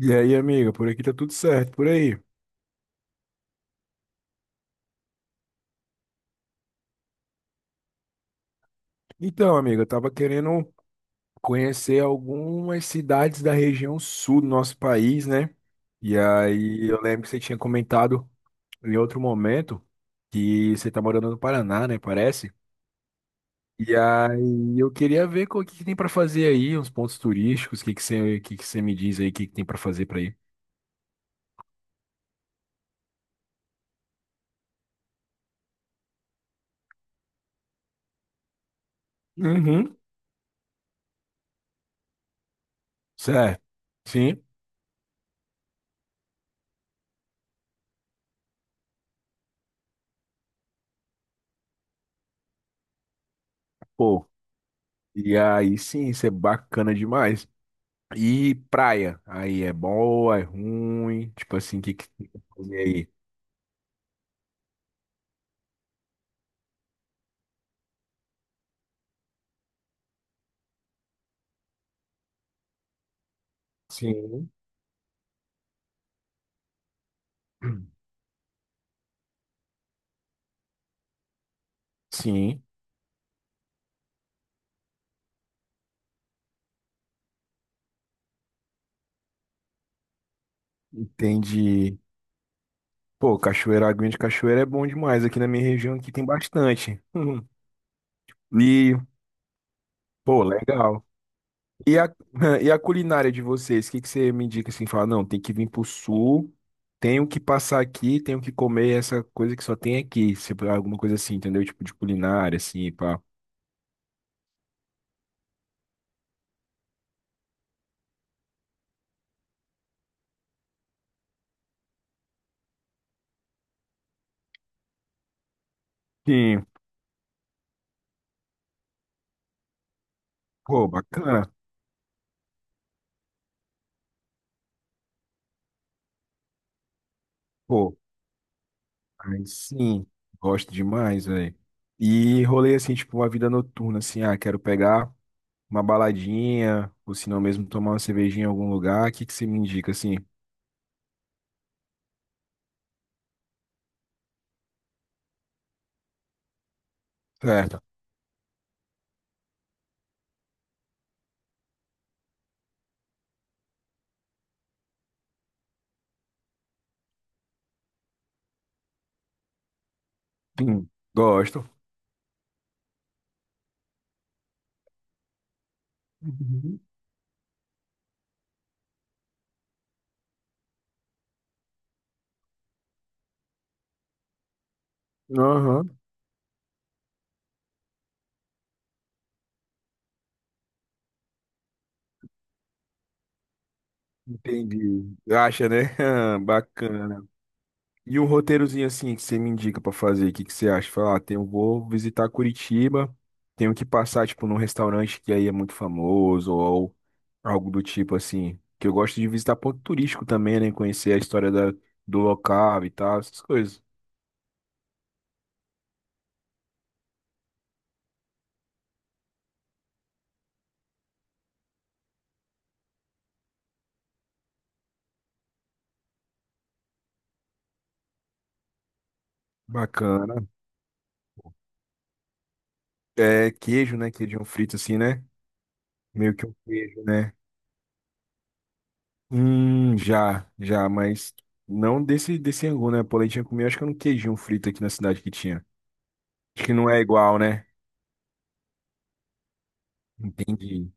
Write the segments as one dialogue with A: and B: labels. A: E aí, amiga, por aqui tá tudo certo, por aí. Então, amiga, eu tava querendo conhecer algumas cidades da região sul do nosso país, né? E aí, eu lembro que você tinha comentado em outro momento que você tá morando no Paraná, né? Parece. E aí, eu queria ver o que que tem pra fazer aí, uns pontos turísticos, o que que você me diz aí, o que que tem pra fazer pra ir? Uhum. Certo. Sim. Pô. E aí, sim, isso é bacana demais. E praia, aí é boa, é ruim, tipo assim, o que que tem que fazer aí? Sim. Sim, entendi. Pô, cachoeira, aguinha de cachoeira é bom demais, aqui na minha região aqui tem bastante. Uhum. E, pô, legal. E a, e a culinária de vocês, o que que você me indica assim, fala, não, tem que vir pro sul, tenho que passar aqui, tenho que comer essa coisa que só tem aqui, se alguma coisa assim, entendeu? Tipo de culinária, assim, pá. Sim, pô, bacana. Pô. Aí sim, gosto demais, velho. E rolê assim, tipo, uma vida noturna, assim, ah, quero pegar uma baladinha, ou se não mesmo tomar uma cervejinha em algum lugar, o que que você me indica, assim? Certo. Hum, gosto. Uhum. Aham, entendi. Acha, né? Bacana. E um roteirozinho assim que você me indica pra fazer, o que que você acha? Falar, ah, tenho, vou visitar Curitiba, tenho que passar, tipo, num restaurante que aí é muito famoso ou algo do tipo assim. Que eu gosto de visitar ponto turístico também, né? Conhecer a do local e tal, essas coisas. Bacana. É queijo, né? Queijão frito assim, né? Meio que um queijo, né? Já, mas não desse angu, né? Polentinha comi, acho que era um queijinho frito aqui na cidade que tinha. Acho que não é igual, né? Entendi.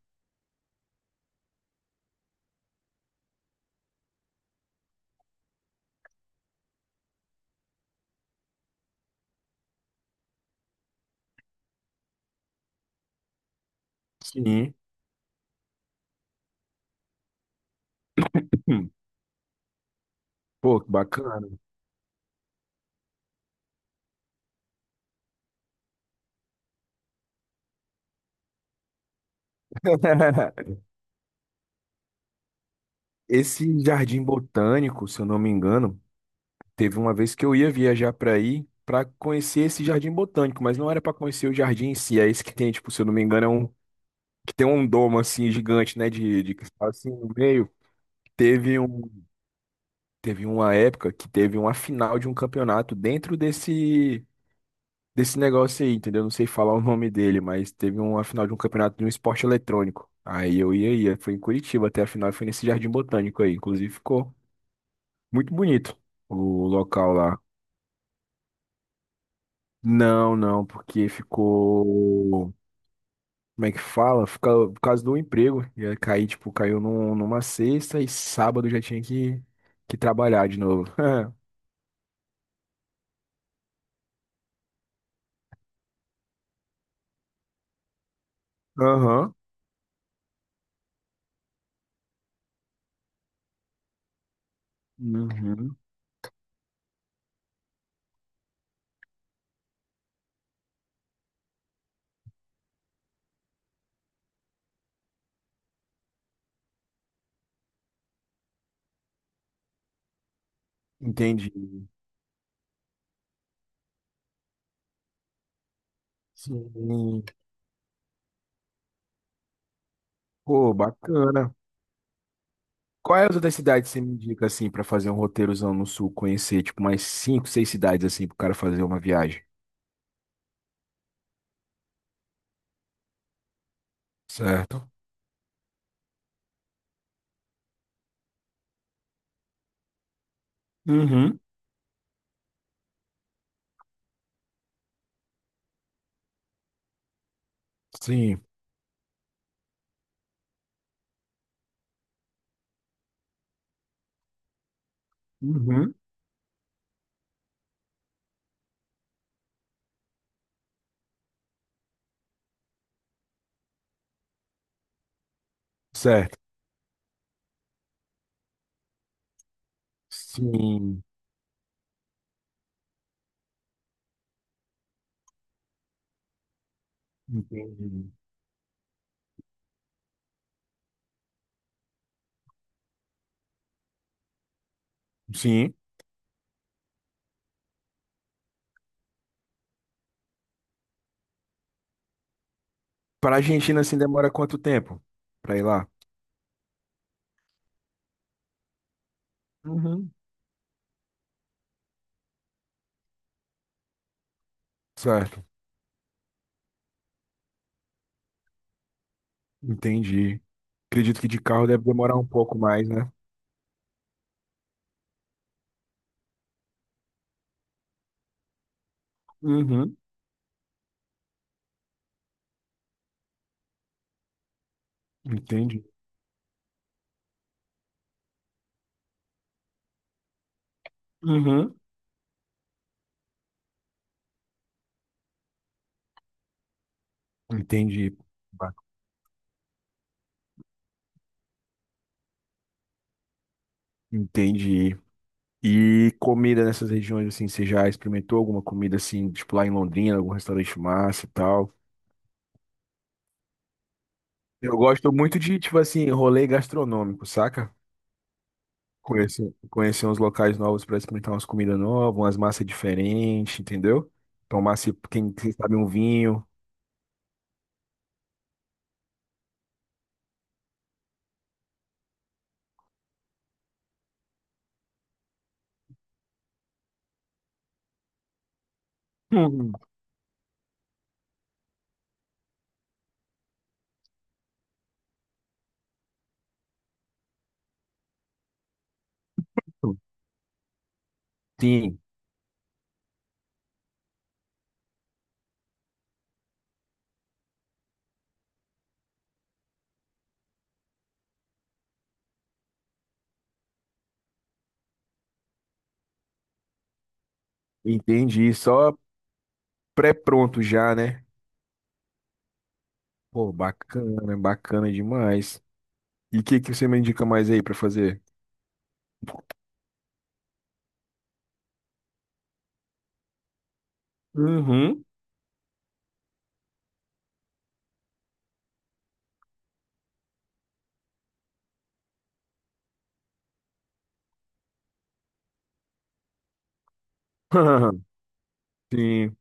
A: Sim. Hum. Pô, que bacana. Esse jardim botânico, se eu não me engano, teve uma vez que eu ia viajar para aí para conhecer esse jardim botânico, mas não era para conhecer o jardim em si, é esse que tem, tipo, se eu não me engano, é um que tem um domo assim gigante, né, de cristal assim no meio. Teve um, teve uma época que teve uma final de um campeonato dentro desse negócio aí, entendeu? Não sei falar o nome dele, mas teve uma final de um campeonato de um esporte eletrônico. Aí eu ia. Foi em Curitiba até a final, e foi nesse Jardim Botânico aí. Inclusive ficou muito bonito o local lá. Não, porque ficou. Como é que fala? Fica, por causa do emprego. Ia cair, tipo, caiu numa sexta e sábado já tinha que trabalhar de novo. É. Aham. Uhum. Entendi. Sim. Pô, bacana. Qual é as outras cidades que você me indica assim pra fazer um roteirozão no sul, conhecer tipo mais cinco, seis cidades assim pro cara fazer uma viagem? Certo. Uhum. Sim. Uhum. Certo. Sim. Entendi. Sim. Para Argentina assim demora quanto tempo pra ir lá? Uhum. Certo. Entendi. Acredito que de carro deve demorar um pouco mais, né? Uhum. Entendi. Uhum. Entendi. Ba- Entendi. E comida nessas regiões, assim, você já experimentou alguma comida, assim, tipo lá em Londrina, algum restaurante massa e tal? Eu gosto muito de, tipo assim, rolê gastronômico, saca? Conhecer uns locais novos para experimentar umas comidas novas, umas massas diferentes, entendeu? Tomar, se, quem sabe, um vinho. Hum. Sim, entendi. Só pré-pronto já, né? Pô, bacana demais. E o que você me indica mais aí pra fazer? Uhum. Sim.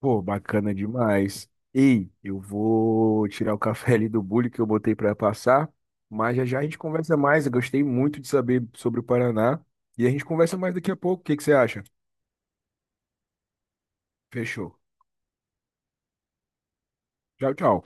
A: Pô, bacana demais. Ei, eu vou tirar o café ali do bule que eu botei para passar, mas já já a gente conversa mais. Eu gostei muito de saber sobre o Paraná e a gente conversa mais daqui a pouco. O que que você acha? Fechou. Tchau, tchau.